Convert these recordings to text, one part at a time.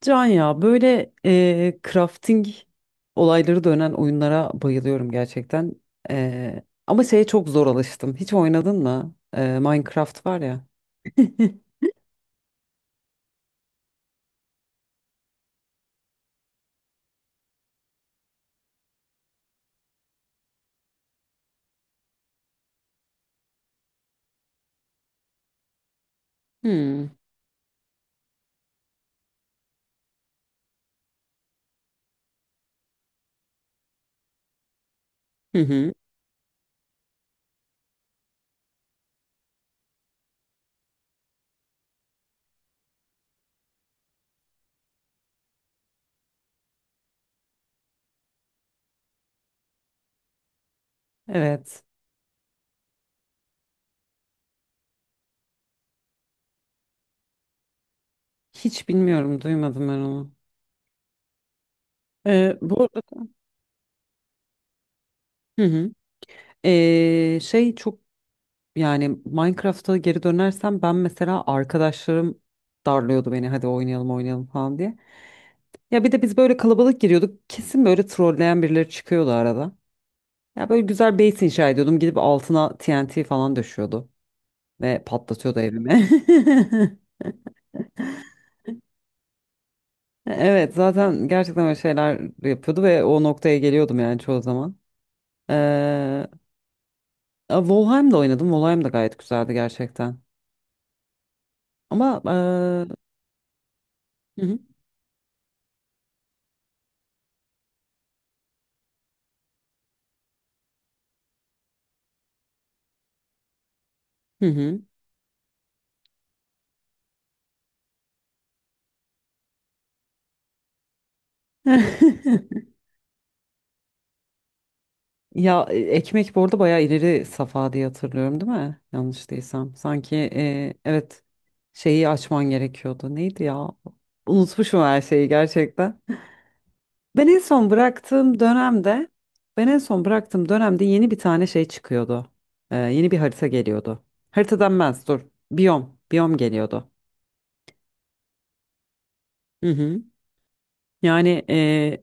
Can ya böyle crafting olayları dönen oyunlara bayılıyorum gerçekten. Ama şeye çok zor alıştım. Hiç oynadın mı? Minecraft var ya. Hmm. Hı hı. Evet. Hiç bilmiyorum, duymadım ben onu. Bu arada... Hı hı. Şey çok, yani Minecraft'a geri dönersem ben mesela arkadaşlarım darlıyordu beni hadi oynayalım oynayalım falan diye. Ya bir de biz böyle kalabalık giriyorduk, kesin böyle trolleyen birileri çıkıyordu arada. Ya böyle güzel base inşa ediyordum, gidip altına TNT falan düşüyordu ve patlatıyordu evime. Evet, zaten gerçekten öyle şeyler yapıyordu ve o noktaya geliyordum yani çoğu zaman. Ee, Valheim'da oynadım, Valheim da gayet güzeldi gerçekten. Ama hı hı. Hı hı. Ya ekmek bu arada bayağı ileri safa diye hatırlıyorum değil mi? Yanlış değilsem. Sanki evet, şeyi açman gerekiyordu. Neydi ya? Unutmuşum her şeyi gerçekten. Ben en son bıraktığım dönemde Ben en son bıraktığım dönemde yeni bir tane şey çıkıyordu. Yeni bir harita geliyordu. Harita denmez, dur. Biyom. Biyom geliyordu. Hı hı. Yani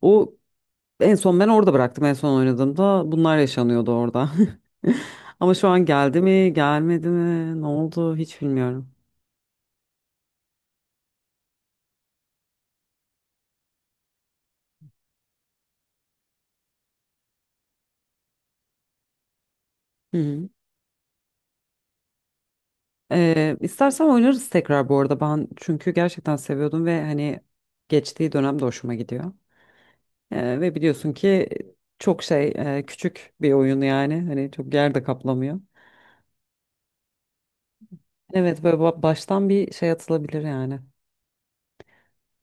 o en son ben orada bıraktım. En son oynadığımda bunlar yaşanıyordu orada. Ama şu an geldi mi, gelmedi mi, ne oldu, hiç bilmiyorum. Hı hı. İstersen oynarız tekrar bu arada. Ben çünkü gerçekten seviyordum ve hani geçtiği dönemde hoşuma gidiyor. Ve biliyorsun ki çok şey, küçük bir oyun yani. Hani çok yer de kaplamıyor. Evet, böyle baştan bir şey atılabilir yani.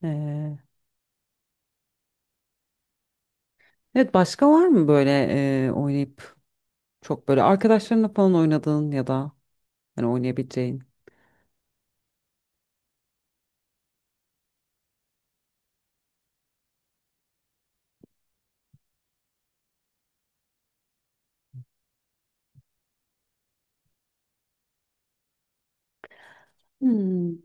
Eee, evet, başka var mı böyle oynayıp çok böyle arkadaşlarınla falan oynadığın ya da hani oynayabileceğin. Hmm.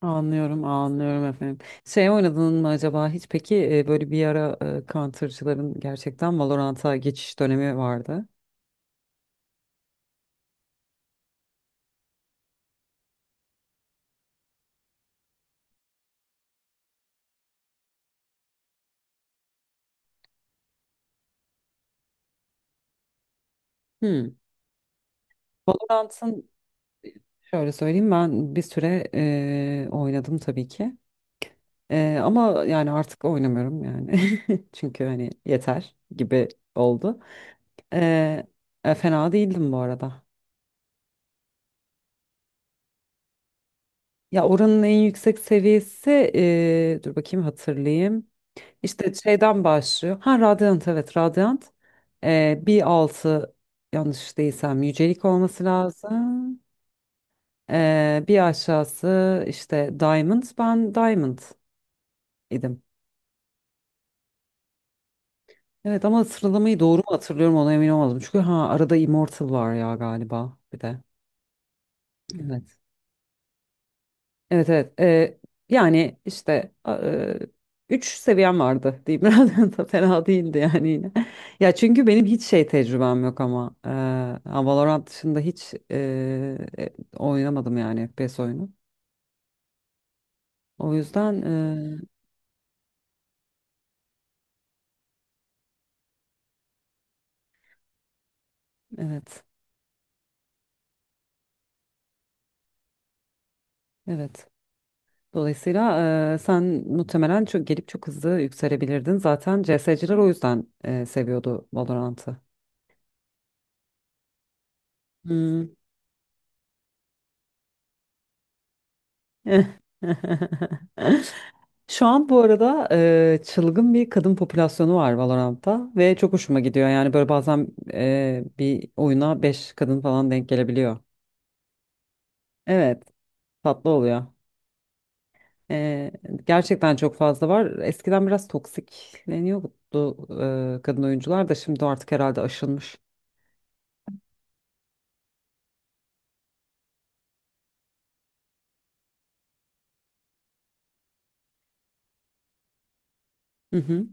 Anlıyorum, anlıyorum efendim. Şey oynadın mı acaba hiç peki, böyle bir ara, Counter'cıların gerçekten Valorant'a geçiş dönemi vardı. Hmm. Valorant'ın, şöyle söyleyeyim, ben bir süre oynadım tabii ki. Ama yani artık oynamıyorum yani. Çünkü hani yeter gibi oldu. Ee, Fena değildim bu arada. Ya, oranın en yüksek seviyesi, dur bakayım hatırlayayım. İşte şeyden başlıyor. Ha, Radiant, evet Radiant. Bir altı, yanlış değilsem, yücelik olması lazım. Bir aşağısı işte Diamond. Ben Diamond idim. Evet ama sıralamayı doğru mu hatırlıyorum ona emin olmadım. Çünkü ha, arada Immortal var ya galiba bir de. Evet. Evet evet. Yani işte, e, üç seviyem vardı diyeyim. Biraz da fena değildi yani yine. Ya çünkü benim hiç şey tecrübem yok ama. Ha, Valorant dışında hiç e, oynamadım yani FPS oyunu. O yüzden, evet. Evet. Dolayısıyla sen muhtemelen çok gelip çok hızlı yükselebilirdin. Zaten CS'ciler o yüzden seviyordu Valorant'ı. Hmm. Şu an bu arada çılgın bir kadın popülasyonu var Valorant'ta ve çok hoşuma gidiyor. Yani böyle bazen bir oyuna 5 kadın falan denk gelebiliyor. Evet, tatlı oluyor. Eee, Gerçekten çok fazla var. Eskiden biraz toksikleniyordu, kadın oyuncular da şimdi artık herhalde aşılmış. Hı hı.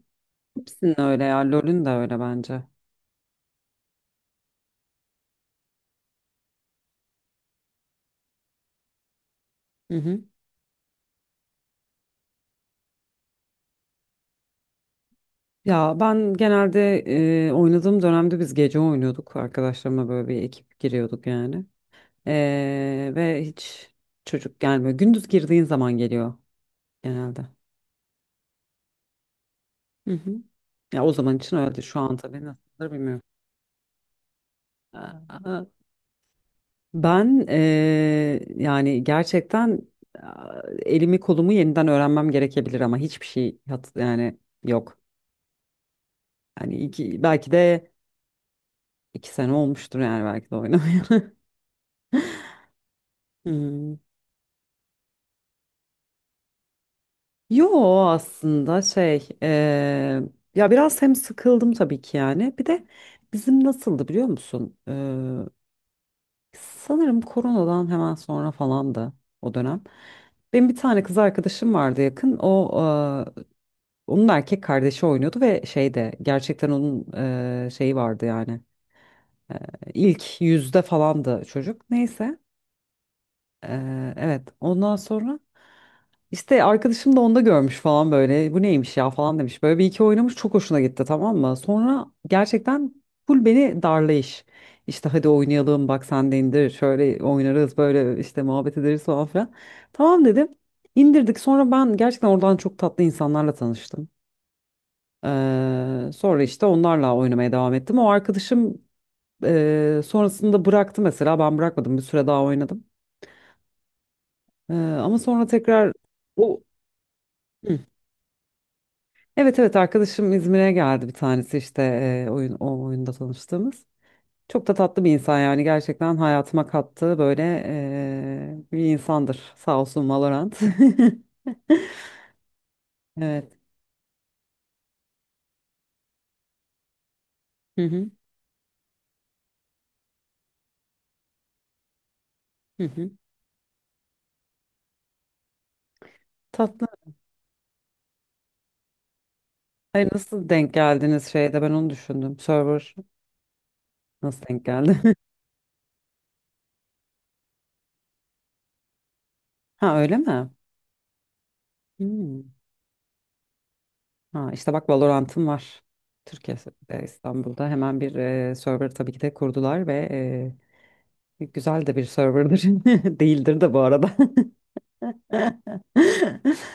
Hepsinin öyle ya. LoL'ün de öyle bence. Hı hı. Ya ben genelde, oynadığım dönemde biz gece oynuyorduk. Arkadaşlarımla böyle bir ekip giriyorduk yani. Ve hiç çocuk gelmiyor. Gündüz girdiğin zaman geliyor genelde. Hı hı. Ya, o zaman için öyle. Şu an tabii nasıldır bilmiyorum. Ben, yani gerçekten, aa, elimi kolumu yeniden öğrenmem gerekebilir ama hiçbir şey hat yani yok. Hani iki, belki de 2 sene olmuştur yani, belki de oynamıyorum. Hmm. Yo, aslında şey ya biraz hem sıkıldım tabii ki yani, bir de bizim nasıldı biliyor musun? Sanırım koronadan hemen sonra falandı o dönem. Benim bir tane kız arkadaşım vardı, yakın o. Onun erkek kardeşi oynuyordu ve şeyde gerçekten onun şeyi vardı yani. E, ilk 100'de falandı çocuk. Neyse. Evet. Ondan sonra işte arkadaşım da onda görmüş falan böyle. Bu neymiş ya falan demiş. Böyle bir iki oynamış, çok hoşuna gitti, tamam mı? Sonra gerçekten full beni darlayış. İşte hadi oynayalım, bak sen de indir. Şöyle oynarız, böyle işte muhabbet ederiz falan filan. Tamam dedim. İndirdik. Sonra ben gerçekten oradan çok tatlı insanlarla tanıştım. Sonra işte onlarla oynamaya devam ettim. O arkadaşım sonrasında bıraktı mesela. Ben bırakmadım. Bir süre daha oynadım. Ama sonra tekrar o... Hı. Evet evet, arkadaşım İzmir'e geldi bir tanesi işte, o oyunda tanıştığımız. Çok da tatlı bir insan yani gerçekten, hayatıma kattığı böyle bir insandır. Sağ olsun Valorant. Evet. Hı hı. Hı hı. Tatlı. Hayır, nasıl denk geldiniz, şeyde ben onu düşündüm. Server nasıl denk geldi? Ha, öyle mi? Hmm. Ha, işte bak, Valorant'ım var. Türkiye'de, İstanbul'da hemen bir server tabii ki de kurdular ve güzel de bir serverdir. Değildir de bu arada.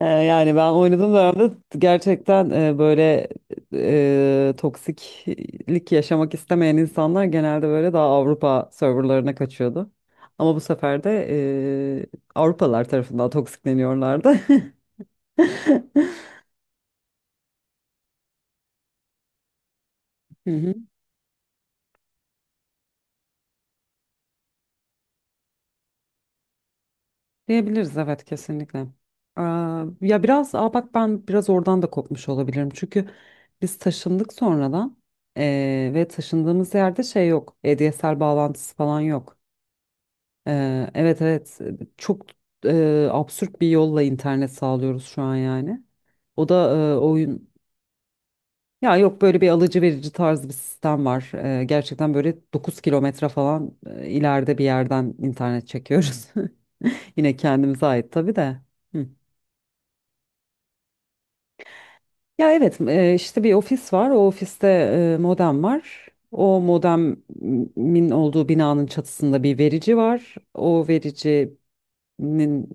Yani ben oynadığım dönemde gerçekten, böyle, toksiklik yaşamak istemeyen insanlar genelde böyle daha Avrupa serverlarına kaçıyordu. Ama bu sefer de e, Avrupalılar tarafından toksikleniyorlardı. Hı hı. Diyebiliriz, evet, kesinlikle. Ya biraz bak, ben biraz oradan da kopmuş olabilirim. Çünkü biz taşındık sonradan, ve taşındığımız yerde şey yok. ADSL bağlantısı falan yok. Evet evet, çok absürt bir yolla internet sağlıyoruz şu an yani. O da, oyun ya, yok böyle bir alıcı verici tarzı bir sistem var. Gerçekten böyle 9 kilometre falan, ileride bir yerden internet çekiyoruz. Yine kendimize ait tabii de. Hı. Ya evet, işte bir ofis var. O ofiste modem var. O modemin olduğu binanın çatısında bir verici var. O vericinin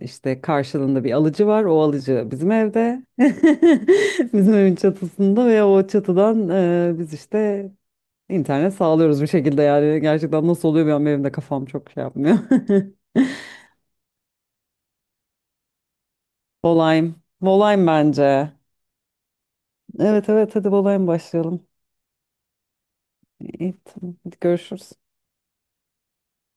işte karşılığında bir alıcı var. O alıcı bizim evde. Bizim evin çatısında ve o çatıdan biz işte internet sağlıyoruz bir şekilde yani. Gerçekten nasıl oluyor, benim de kafam çok şey yapmıyor. Volayım. Volayım bence. Evet evet, hadi volayım başlayalım. İyi, tamam. Hadi görüşürüz.